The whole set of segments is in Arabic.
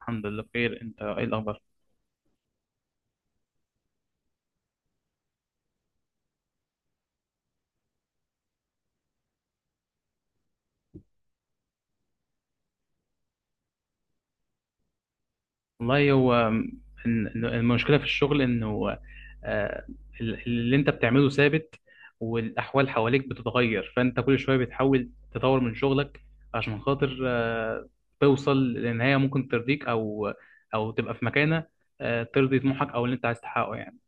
الحمد لله بخير. انت ايه الاخبار؟ والله هو إن المشكله في الشغل انه آه، اللي انت بتعمله ثابت، والاحوال حواليك بتتغير، فانت كل شويه بتحاول تطور من شغلك عشان خاطر توصل لنهايه ممكن ترضيك، او تبقى في مكانه، ترضي طموحك او اللي انت عايز تحققه يعني.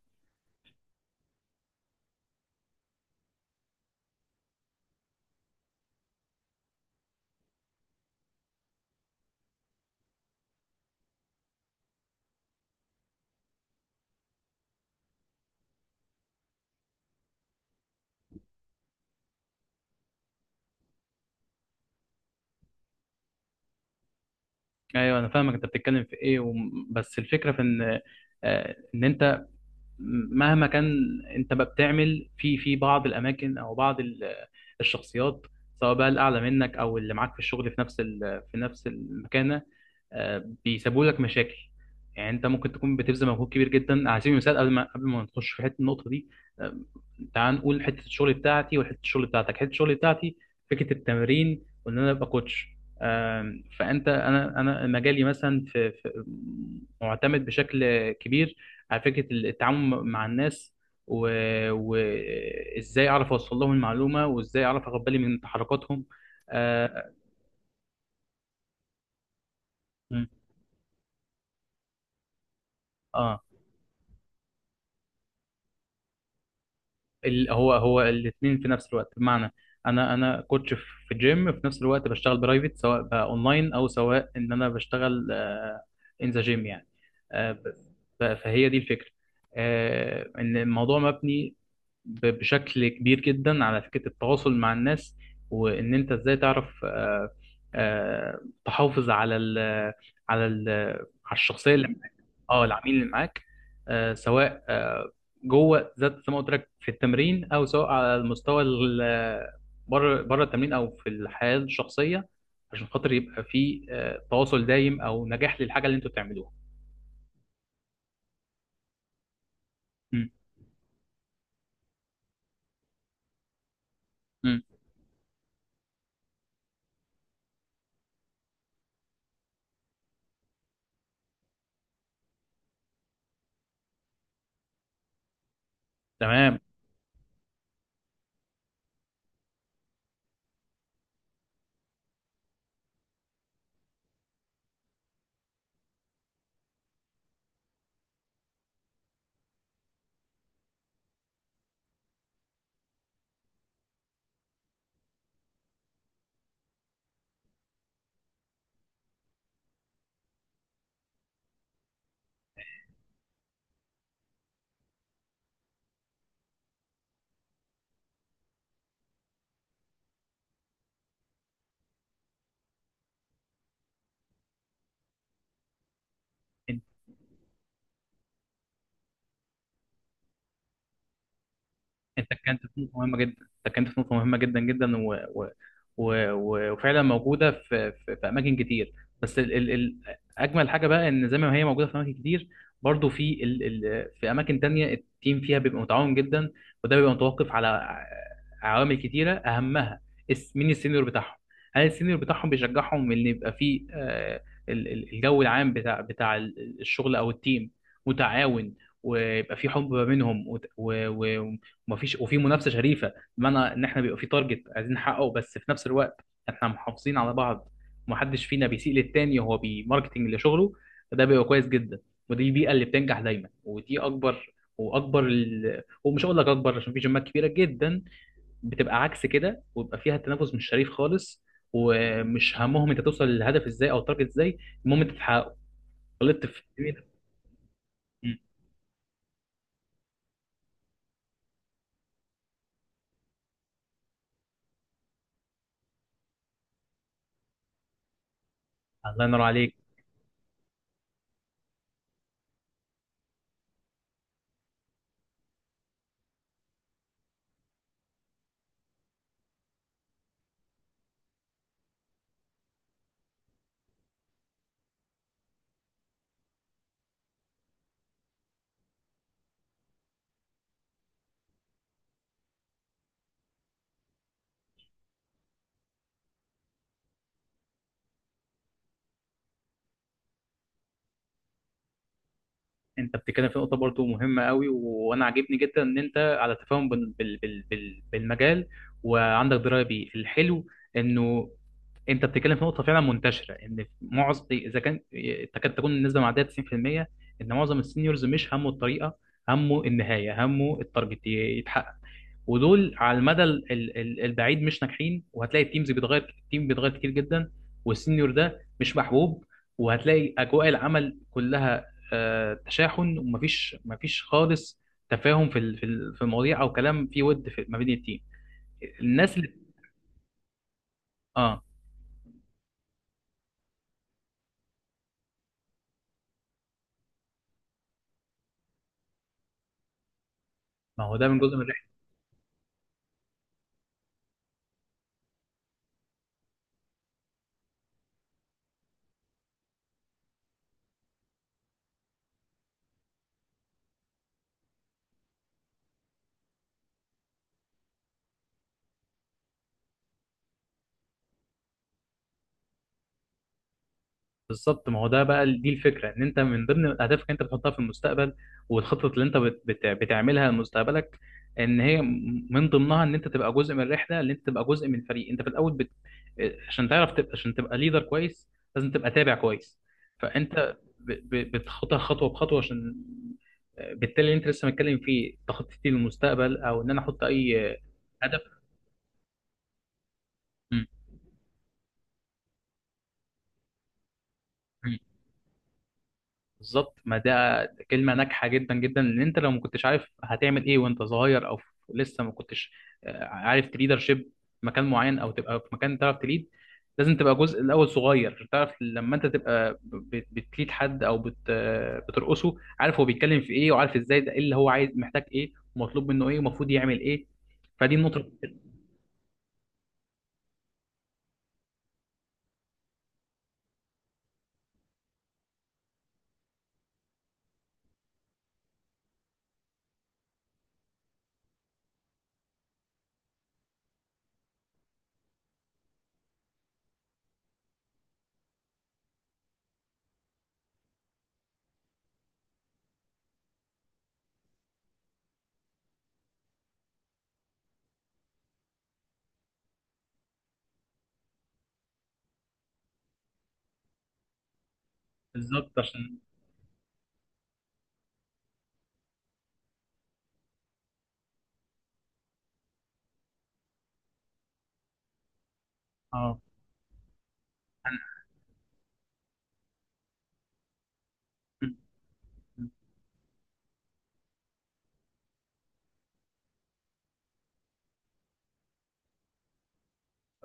ايوه انا فاهمك، انت بتتكلم في ايه بس الفكره في ان ان انت مهما كان، انت بقى بتعمل في بعض الاماكن او بعض الشخصيات، سواء بقى الاعلى منك او اللي معاك في الشغل في نفس المكانه بيسببوا لك مشاكل. يعني انت ممكن تكون بتبذل مجهود كبير جدا، على سبيل المثال، قبل ما نخش في حته النقطه دي آه، تعال نقول حته الشغل بتاعتي وحته الشغل بتاعتك، حته الشغل بتاعتي فكره التمرين، وان انا ابقى كوتش. فانت انا مجالي مثلا معتمد بشكل كبير على فكرة التعامل مع الناس، وإزاي و... وإزاي أعرف أوصل لهم المعلومة، وإزاي أعرف أخد بالي من تحركاتهم آه, آه. هو الاتنين في نفس الوقت، بمعنى أنا كوتش في جيم، في نفس الوقت بشتغل برايفت، سواء بقى أونلاين أو سواء إن أنا بشتغل إن ذا جيم يعني. آه ب... فهي دي الفكرة، آه إن الموضوع مبني بشكل كبير جدا على فكرة التواصل مع الناس، وإن أنت إزاي تعرف آه، تحافظ على ال على الشخصية اللي معاك. اه، العميل اللي معاك سواء جوه ذات زي ما قلت لك في التمرين، أو سواء على بره التمرين أو في الحياة الشخصية، عشان خاطر يبقى في تواصل دايم أو نجاح للحاجة اللي أنتوا بتعملوها. م- م. تمام. انت اتكلمت في نقطه مهمه جدا، اتكلمت في نقطه مهمه جدا جدا وفعلا موجوده في اماكن كتير، بس اجمل حاجه بقى ان زي ما هي موجوده في اماكن كتير، برضو في اماكن تانية التيم فيها بيبقى متعاون جدا، وده بيبقى متوقف على عوامل كتيره، اهمها مين السينيور بتاعهم. هل السينيور بتاعهم بيشجعهم ان يبقى في الجو العام بتاع الشغل او التيم متعاون، ويبقى في حب ما بينهم، وفي منافسه شريفه، بمعنى ان احنا بيبقى في تارجت عايزين نحققه، بس في نفس الوقت احنا محافظين على بعض، ومحدش فينا بيسيء للتاني وهو بيماركتنج لشغله، فده بيبقى كويس جدا. ودي البيئه اللي بتنجح دايما، ودي اكبر واكبر ومش هقول لك اكبر، عشان في جيمات كبيره جدا بتبقى عكس كده، ويبقى فيها التنافس مش شريف خالص، ومش همهم انت توصل للهدف ازاي او التارجت ازاي، المهم انت تحققه. غلطت في التيمين. الله ينور عليك. انت بتتكلم في نقطه برضو مهمه قوي، وانا عاجبني جدا ان انت على تفاهم بالمجال، وعندك درايه بيه. الحلو انه انت بتتكلم في نقطه فعلا منتشره، ان معظم، اذا كان، تكاد تكون النسبه معديه 90%، ان معظم السينيورز مش همه الطريقه، همه النهايه، همه التارجت يتحقق، ودول على المدى البعيد مش ناجحين، وهتلاقي التيمز بيتغير، التيم بيتغير كتير جدا، والسينيور ده مش محبوب، وهتلاقي اجواء العمل كلها تشاحن، ومفيش خالص تفاهم في المواضيع، او كلام فيه ود في ما بين التيم، الناس اللي. اه، ما هو ده من جزء من. بالظبط، ما هو ده بقى دي الفكره، ان انت من ضمن اهدافك انت بتحطها في المستقبل، والخطط اللي انت بتعملها لمستقبلك، ان هي من ضمنها ان انت تبقى جزء من الرحله، ان انت تبقى جزء من فريق، انت في الاول عشان تعرف تبقى، عشان تبقى ليدر كويس لازم تبقى تابع كويس، فانت بتخطها خطوه بخطوه، عشان بالتالي اللي انت لسه متكلم فيه تخطيطي للمستقبل، او ان انا احط اي هدف. م- بالظبط، ما ده كلمة ناجحة جدا جدا، ان انت لو ما كنتش عارف هتعمل ايه وانت صغير، او لسه ما كنتش عارف تليدر شيب مكان معين، او تبقى في مكان تعرف تليد، لازم تبقى جزء الاول صغير، عشان تعرف لما انت تبقى بتليد حد، او بت آه، بترقصه، عارف هو بيتكلم في ايه، وعارف ازاي ده ايه اللي هو عايز، محتاج ايه، ومطلوب منه ايه، ومفروض يعمل ايه، فدي النقطة، بالظبط عشان. اه،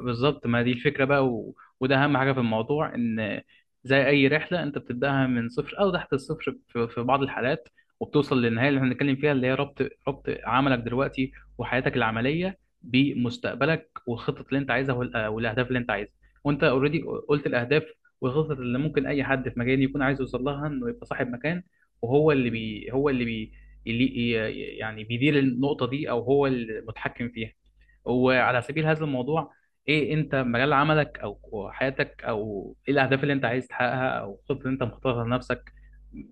بالظبط، ما دي الفكرة بقى، وده أهم حاجة في الموضوع، إن زي أي رحلة أنت بتبدأها من صفر، أو تحت الصفر في بعض الحالات، وبتوصل للنهاية اللي احنا بنتكلم فيها، اللي هي ربط، ربط عملك دلوقتي وحياتك العملية بمستقبلك، والخطط اللي أنت عايزها والأهداف اللي أنت عايزها، وأنت أوريدي قلت الأهداف والخطط اللي ممكن أي حد في مجالي يكون عايز يوصل لها، إنه يبقى صاحب مكان، وهو اللي بي... هو اللي بي... اللي ي- يعني بيدير النقطة دي، أو هو المتحكم فيها، وعلى سبيل هذا الموضوع، ايه انت مجال عملك او حياتك، او ايه الاهداف اللي انت عايز تحققها، او الخطط اللي انت مختارها لنفسك،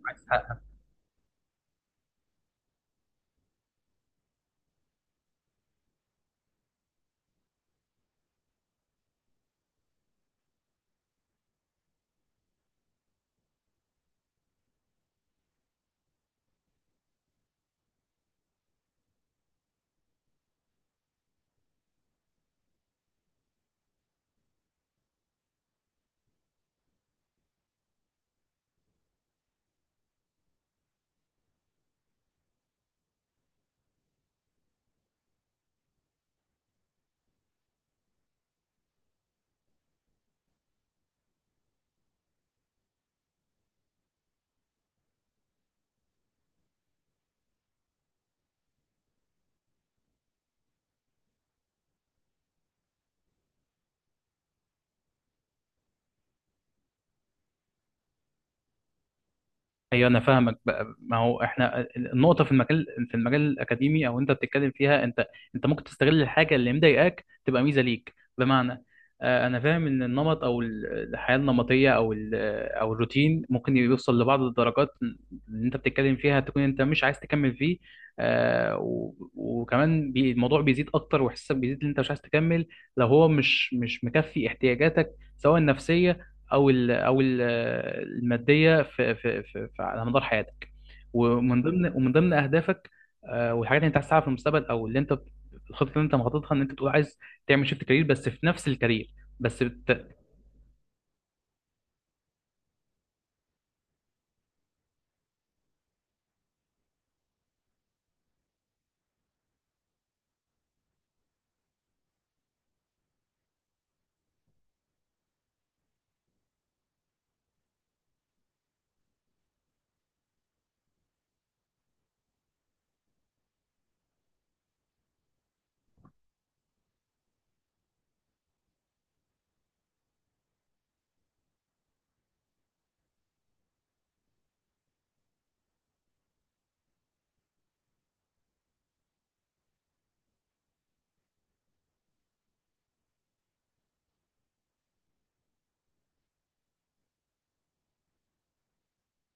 عايز تحققها. ايوه انا فاهمك بقى، ما هو احنا النقطه في المجال الاكاديمي، او انت بتتكلم فيها، انت. انت ممكن تستغل الحاجه اللي مضايقاك تبقى ميزه ليك، بمعنى انا فاهم، ان النمط او الحياه النمطيه، او الروتين، ممكن يوصل لبعض الدرجات اللي انت بتتكلم فيها، تكون انت مش عايز تكمل فيه، وكمان الموضوع بيزيد اكتر، واحساسك بيزيد ان انت مش عايز تكمل، لو هو مش مكفي احتياجاتك، سواء النفسيه، او ال او ال الماديه على مدار حياتك، ومن ضمن اهدافك، والحاجات اللي انت عايز تعملها في المستقبل، او اللي انت الخطه اللي انت مخططها، ان انت بتقول عايز تعمل شيفت كارير، بس في نفس الكارير بس بت...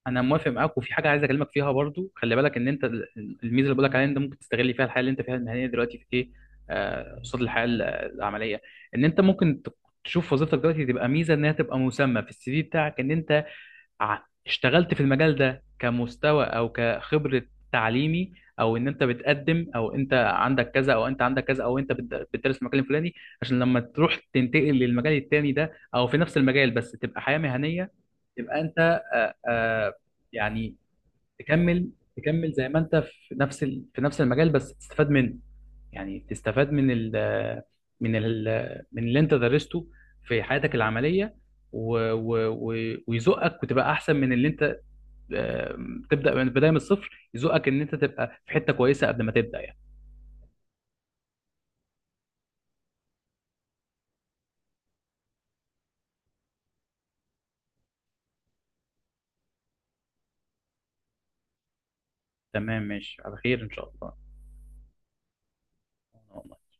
انا موافق معاك، وفي حاجه عايز اكلمك فيها برضو، خلي بالك ان انت الميزه اللي بقول لك عليها، ان انت ممكن تستغل فيها الحياه اللي انت فيها المهنيه دلوقتي في ايه، قصاد الحياه العمليه، ان انت ممكن تشوف وظيفتك دلوقتي تبقى ميزه، انها تبقى مسمى في السي في بتاعك، ان انت ع- اشتغلت في المجال ده كمستوى او كخبرة تعليمي، او ان انت بتقدم، او انت عندك كذا، او انت عندك كذا، او انت بتدرس في المجال الفلاني، عشان لما تروح تنتقل للمجال التاني ده، او في نفس المجال بس تبقى حياة مهنية، تبقى انت آه، آه، يعني تكمل تكمل زي ما انت في في نفس المجال بس تستفاد منه، يعني تستفاد من ال من اللي انت درسته في حياتك العمليه، و و و ويزقك وتبقى احسن من اللي انت تبدا من بدايه من الصفر، يزقك ان انت تبقى في حته كويسه قبل ما تبدا يعني. تمام، ماشي على خير ان شاء الله.